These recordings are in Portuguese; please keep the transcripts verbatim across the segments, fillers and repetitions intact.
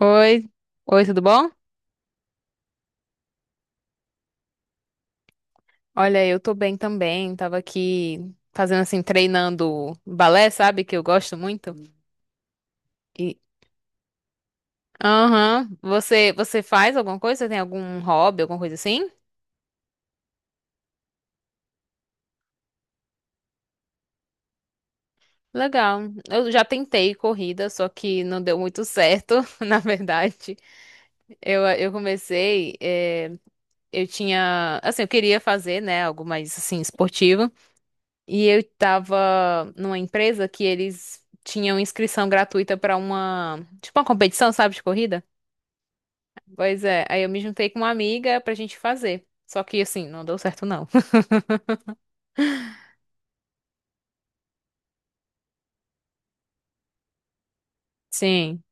Oi, oi, tudo bom? Olha, eu tô bem também. Tava aqui fazendo assim, treinando balé, sabe? Que eu gosto muito. E aham, Você você faz alguma coisa? Você tem algum hobby, alguma coisa assim? Legal. Eu já tentei corrida, só que não deu muito certo, na verdade. Eu, eu comecei, eh, eu tinha, assim, eu queria fazer, né, algo mais assim esportivo. E eu tava numa empresa que eles tinham inscrição gratuita pra uma, tipo uma competição, sabe, de corrida? Pois é, aí eu me juntei com uma amiga pra gente fazer. Só que assim, não deu certo não. Sim.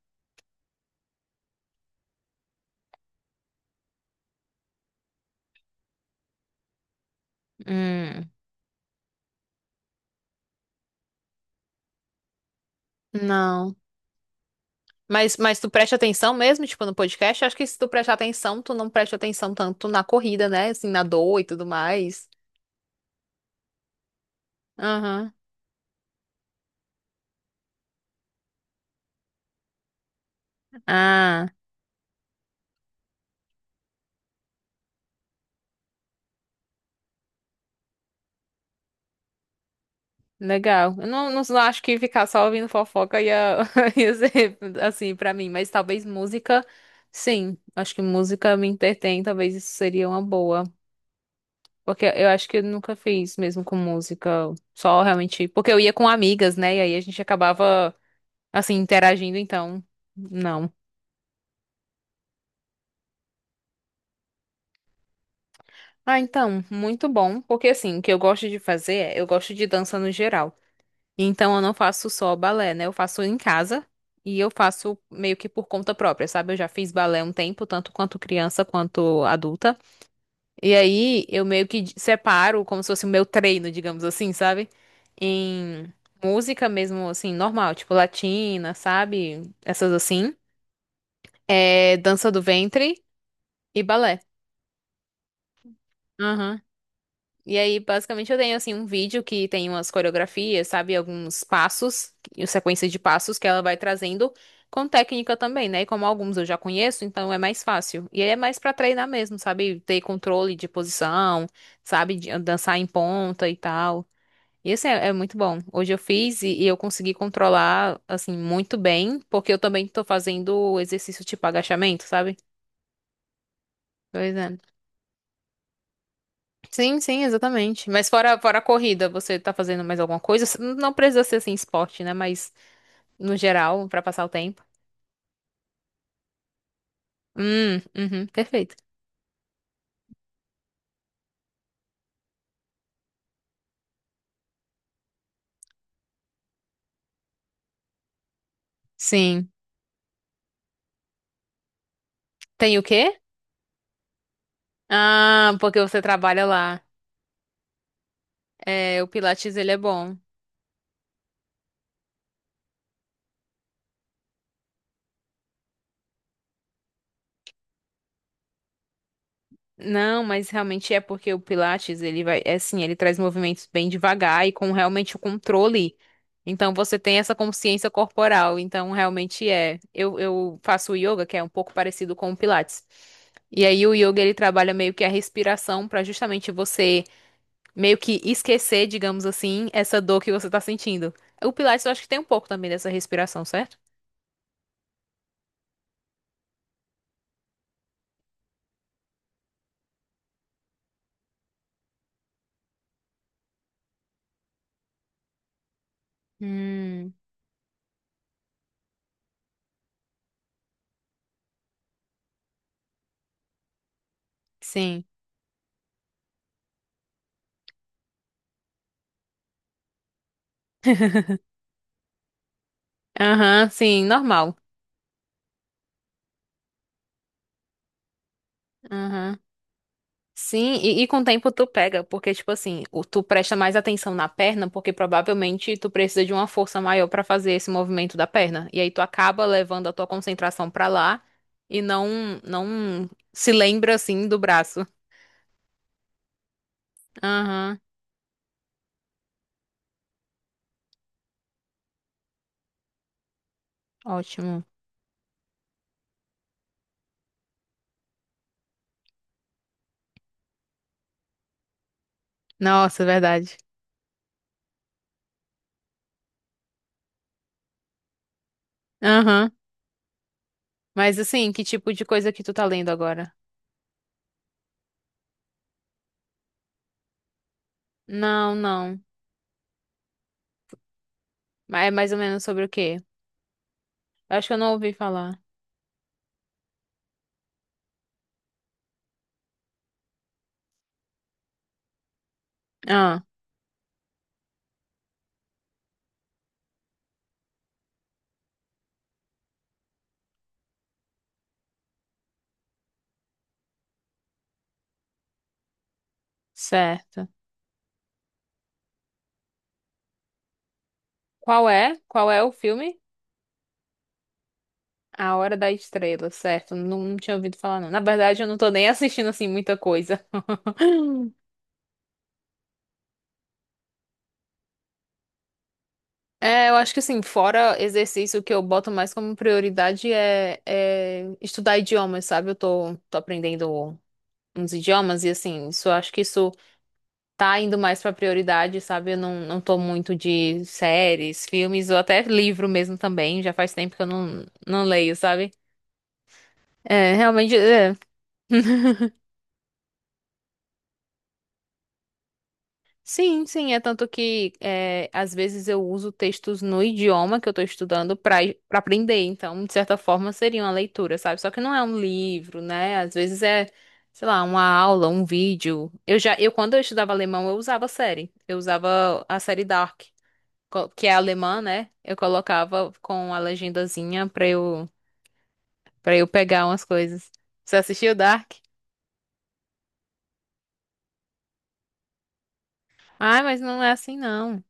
Hum. Não. Mas, mas tu presta atenção mesmo, tipo, no podcast? Acho que se tu prestar atenção, tu não presta atenção tanto na corrida, né? Assim, na dor e tudo mais. Aham. Ah. Legal. Eu não, não, não acho que ficar só ouvindo fofoca ia, ia ser assim pra mim, mas talvez música, sim. Acho que música me entretém, talvez isso seria uma boa. Porque eu acho que eu nunca fiz mesmo com música, só realmente. Porque eu ia com amigas, né? E aí a gente acabava, assim, interagindo, então, não. Ah, então, muito bom. Porque assim, o que eu gosto de fazer é, eu gosto de dança no geral. Então eu não faço só balé, né? Eu faço em casa e eu faço meio que por conta própria, sabe? Eu já fiz balé um tempo, tanto quanto criança quanto adulta. E aí eu meio que d- separo como se fosse o meu treino, digamos assim, sabe? Em música mesmo, assim, normal, tipo latina, sabe? Essas assim. É dança do ventre e balé. E aí, basicamente, eu tenho assim um vídeo que tem umas coreografias, sabe? Alguns passos, e sequência de passos que ela vai trazendo com técnica também, né? E como alguns eu já conheço, então é mais fácil. E aí é mais pra treinar mesmo, sabe? Ter controle de posição, sabe? De dançar em ponta e tal. E esse é, é muito bom. Hoje eu fiz e, e eu consegui controlar, assim, muito bem, porque eu também tô fazendo exercício tipo agachamento, sabe? Pois é. Sim, sim, exatamente. Mas fora, fora a corrida, você tá fazendo mais alguma coisa? Não precisa ser assim, esporte, né? Mas no geral, pra passar o tempo. Hum, uhum, perfeito. Sim. Tem o quê? Ah, porque você trabalha lá. É, o Pilates, ele é bom. Não, mas realmente é porque o Pilates, ele vai, é assim, ele traz movimentos bem devagar e com realmente o controle. Então você tem essa consciência corporal. Então realmente é. Eu, eu faço yoga, que é um pouco parecido com o Pilates. E aí o yoga ele trabalha meio que a respiração para justamente você meio que esquecer, digamos assim, essa dor que você tá sentindo. O Pilates eu acho que tem um pouco também dessa respiração, certo? Hum, sim. Aham, sim, normal. Aham. Sim, e, e com o tempo tu pega, porque, tipo assim, o- tu presta mais atenção na perna, porque provavelmente tu precisa de uma força maior pra fazer esse movimento da perna. E aí tu acaba levando a tua concentração pra lá e não, não se lembra, assim, do braço. Aham, ótimo. Nossa, verdade. Aham. Mas, assim, que tipo de coisa que tu tá lendo agora? Não, não. Mas é mais ou menos sobre o quê? Eu acho que eu não ouvi falar. Ah, certo. Qual é? Qual é o filme? A Hora da Estrela, certo? Não, não tinha ouvido falar, não. Na verdade, eu não tô nem assistindo, assim, muita coisa. É, eu acho que, assim, fora exercício, o que eu boto mais como prioridade é, é estudar idiomas, sabe? Eu tô, tô aprendendo uns idiomas e, assim, isso, eu acho que isso tá indo mais pra prioridade, sabe? Eu não, não tô muito de séries, filmes ou até livro mesmo também. Já faz tempo que eu não, não leio, sabe? É, realmente. É. Sim, sim, é tanto que é, às vezes eu uso textos no idioma que eu estou estudando para para aprender, então, de certa forma, seria uma leitura, sabe? Só que não é um livro, né? Às vezes é, sei lá, uma aula, um vídeo. Eu já, eu quando eu estudava alemão, eu usava série. Eu usava a série Dark, co- que é alemã, né? Eu colocava com a legendazinha para eu para eu pegar umas coisas. Você assistiu Dark? Ai, mas não é assim não.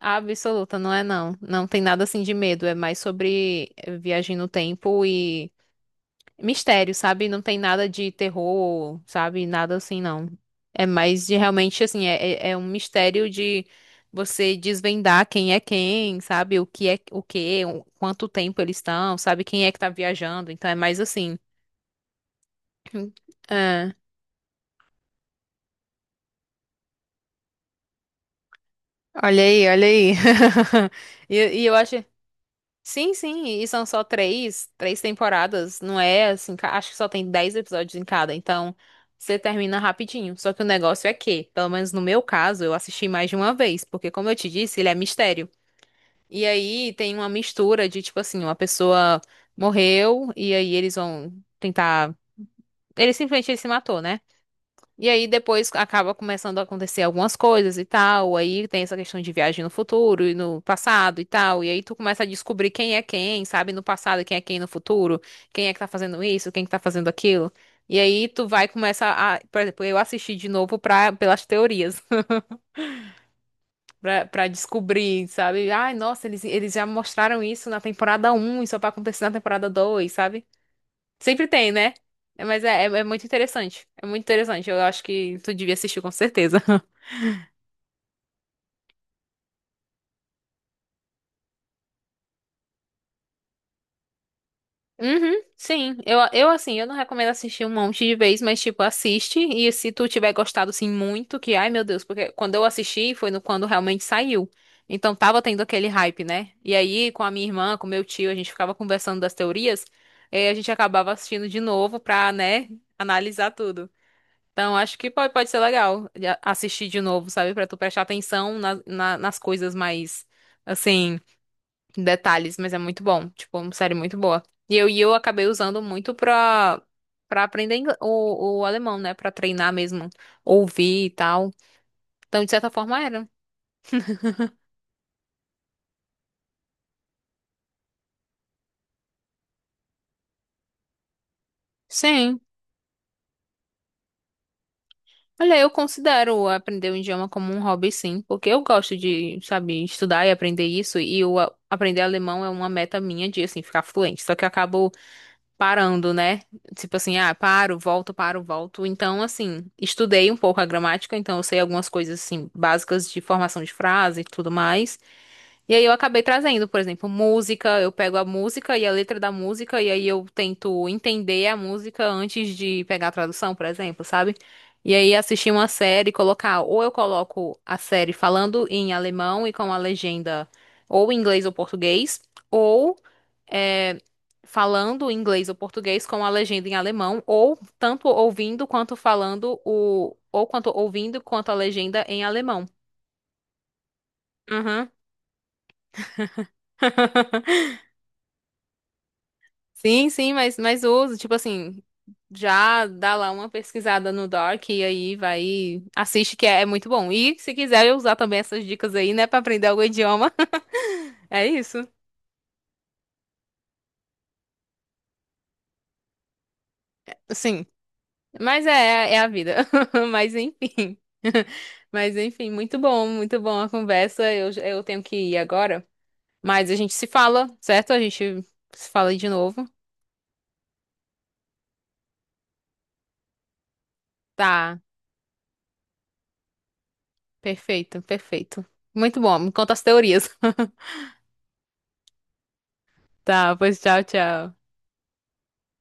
Absoluta, não é não. Não tem nada assim de medo, é mais sobre eh, viagem no tempo e mistério, sabe? Não tem nada de terror, sabe? Nada assim, não. É mais de realmente assim, é, é é um mistério de você desvendar quem é quem, sabe? O que é o que, quanto tempo eles estão, sabe? Quem é que tá viajando, então é mais assim. É. Olha aí, olha aí. E, e eu acho Sim, sim, e são só três, três temporadas, não é assim, ca- acho que só tem dez episódios em cada, então você termina rapidinho. Só que o negócio é que, pelo menos no meu caso, eu assisti mais de uma vez, porque como eu te disse, ele é mistério. E aí tem uma mistura de, tipo assim, uma pessoa morreu, e aí eles vão tentar. Ele simplesmente ele se matou, né? E aí depois acaba começando a acontecer algumas coisas e tal. Aí tem essa questão de viagem no futuro e no passado e tal. E aí tu começa a descobrir quem é quem, sabe? No passado, quem é quem no futuro, quem é que tá fazendo isso, quem que tá fazendo aquilo. E aí tu vai começar a, por exemplo, eu assisti de novo pra, pelas teorias, pra, pra descobrir, sabe? Ai, nossa, eles, eles já mostraram isso na temporada um e só vai acontecer na temporada dois sabe? Sempre tem, né? É, mas é, é é muito interessante. É muito interessante. Eu acho que tu devia assistir com certeza. Uhum, sim, eu, eu assim, eu não recomendo assistir um monte de vez, mas tipo, assiste e se tu tiver gostado assim muito, que ai meu Deus, porque quando eu assisti foi no, quando realmente saiu. Então tava tendo aquele hype, né? E aí com a minha irmã, com meu tio, a gente ficava conversando das teorias, e a gente acabava assistindo de novo pra, né, analisar tudo. Então acho que pode, pode ser legal de a- assistir de novo, sabe? Pra tu prestar atenção na- na- nas coisas mais, assim detalhes, mas é muito bom. Tipo, é uma série muito boa. E eu, e eu acabei usando muito pra, pra aprender ingle- o, o alemão, né? Pra treinar mesmo, ouvir e tal. Então, de certa forma, era. Sim. Olha, eu considero aprender o idioma como um hobby, sim, porque eu gosto de, sabe, estudar e aprender isso, e o a- aprender alemão é uma meta minha de, assim, ficar fluente. Só que eu acabo parando, né? Tipo assim, ah, paro, volto, paro, volto. Então, assim, estudei um pouco a gramática, então eu sei algumas coisas assim básicas de formação de frase e tudo mais. E aí eu acabei trazendo, por exemplo, música, eu pego a música e a letra da música e aí eu tento entender a música antes de pegar a tradução, por exemplo, sabe? E aí assistir uma série, e colocar, ou eu coloco a série falando em alemão e com a legenda ou em inglês ou português, ou é, falando inglês ou português com a legenda em alemão, ou tanto ouvindo quanto falando o, ou quanto ouvindo quanto a legenda em alemão. Uhum. Sim, sim, mas, mas uso, tipo assim, já dá lá uma pesquisada no Dark e aí vai, e assiste que é, é muito bom. E se quiser eu usar também essas dicas aí, né, pra aprender algum idioma. É isso. Sim. Mas é, é a vida. Mas enfim. Mas enfim, muito bom, muito bom a conversa. Eu, eu tenho que ir agora. Mas a gente se fala, certo? A gente se fala aí de novo. Tá, perfeito, perfeito. Muito bom. Me conta as teorias. Tá, pois tchau, tchau.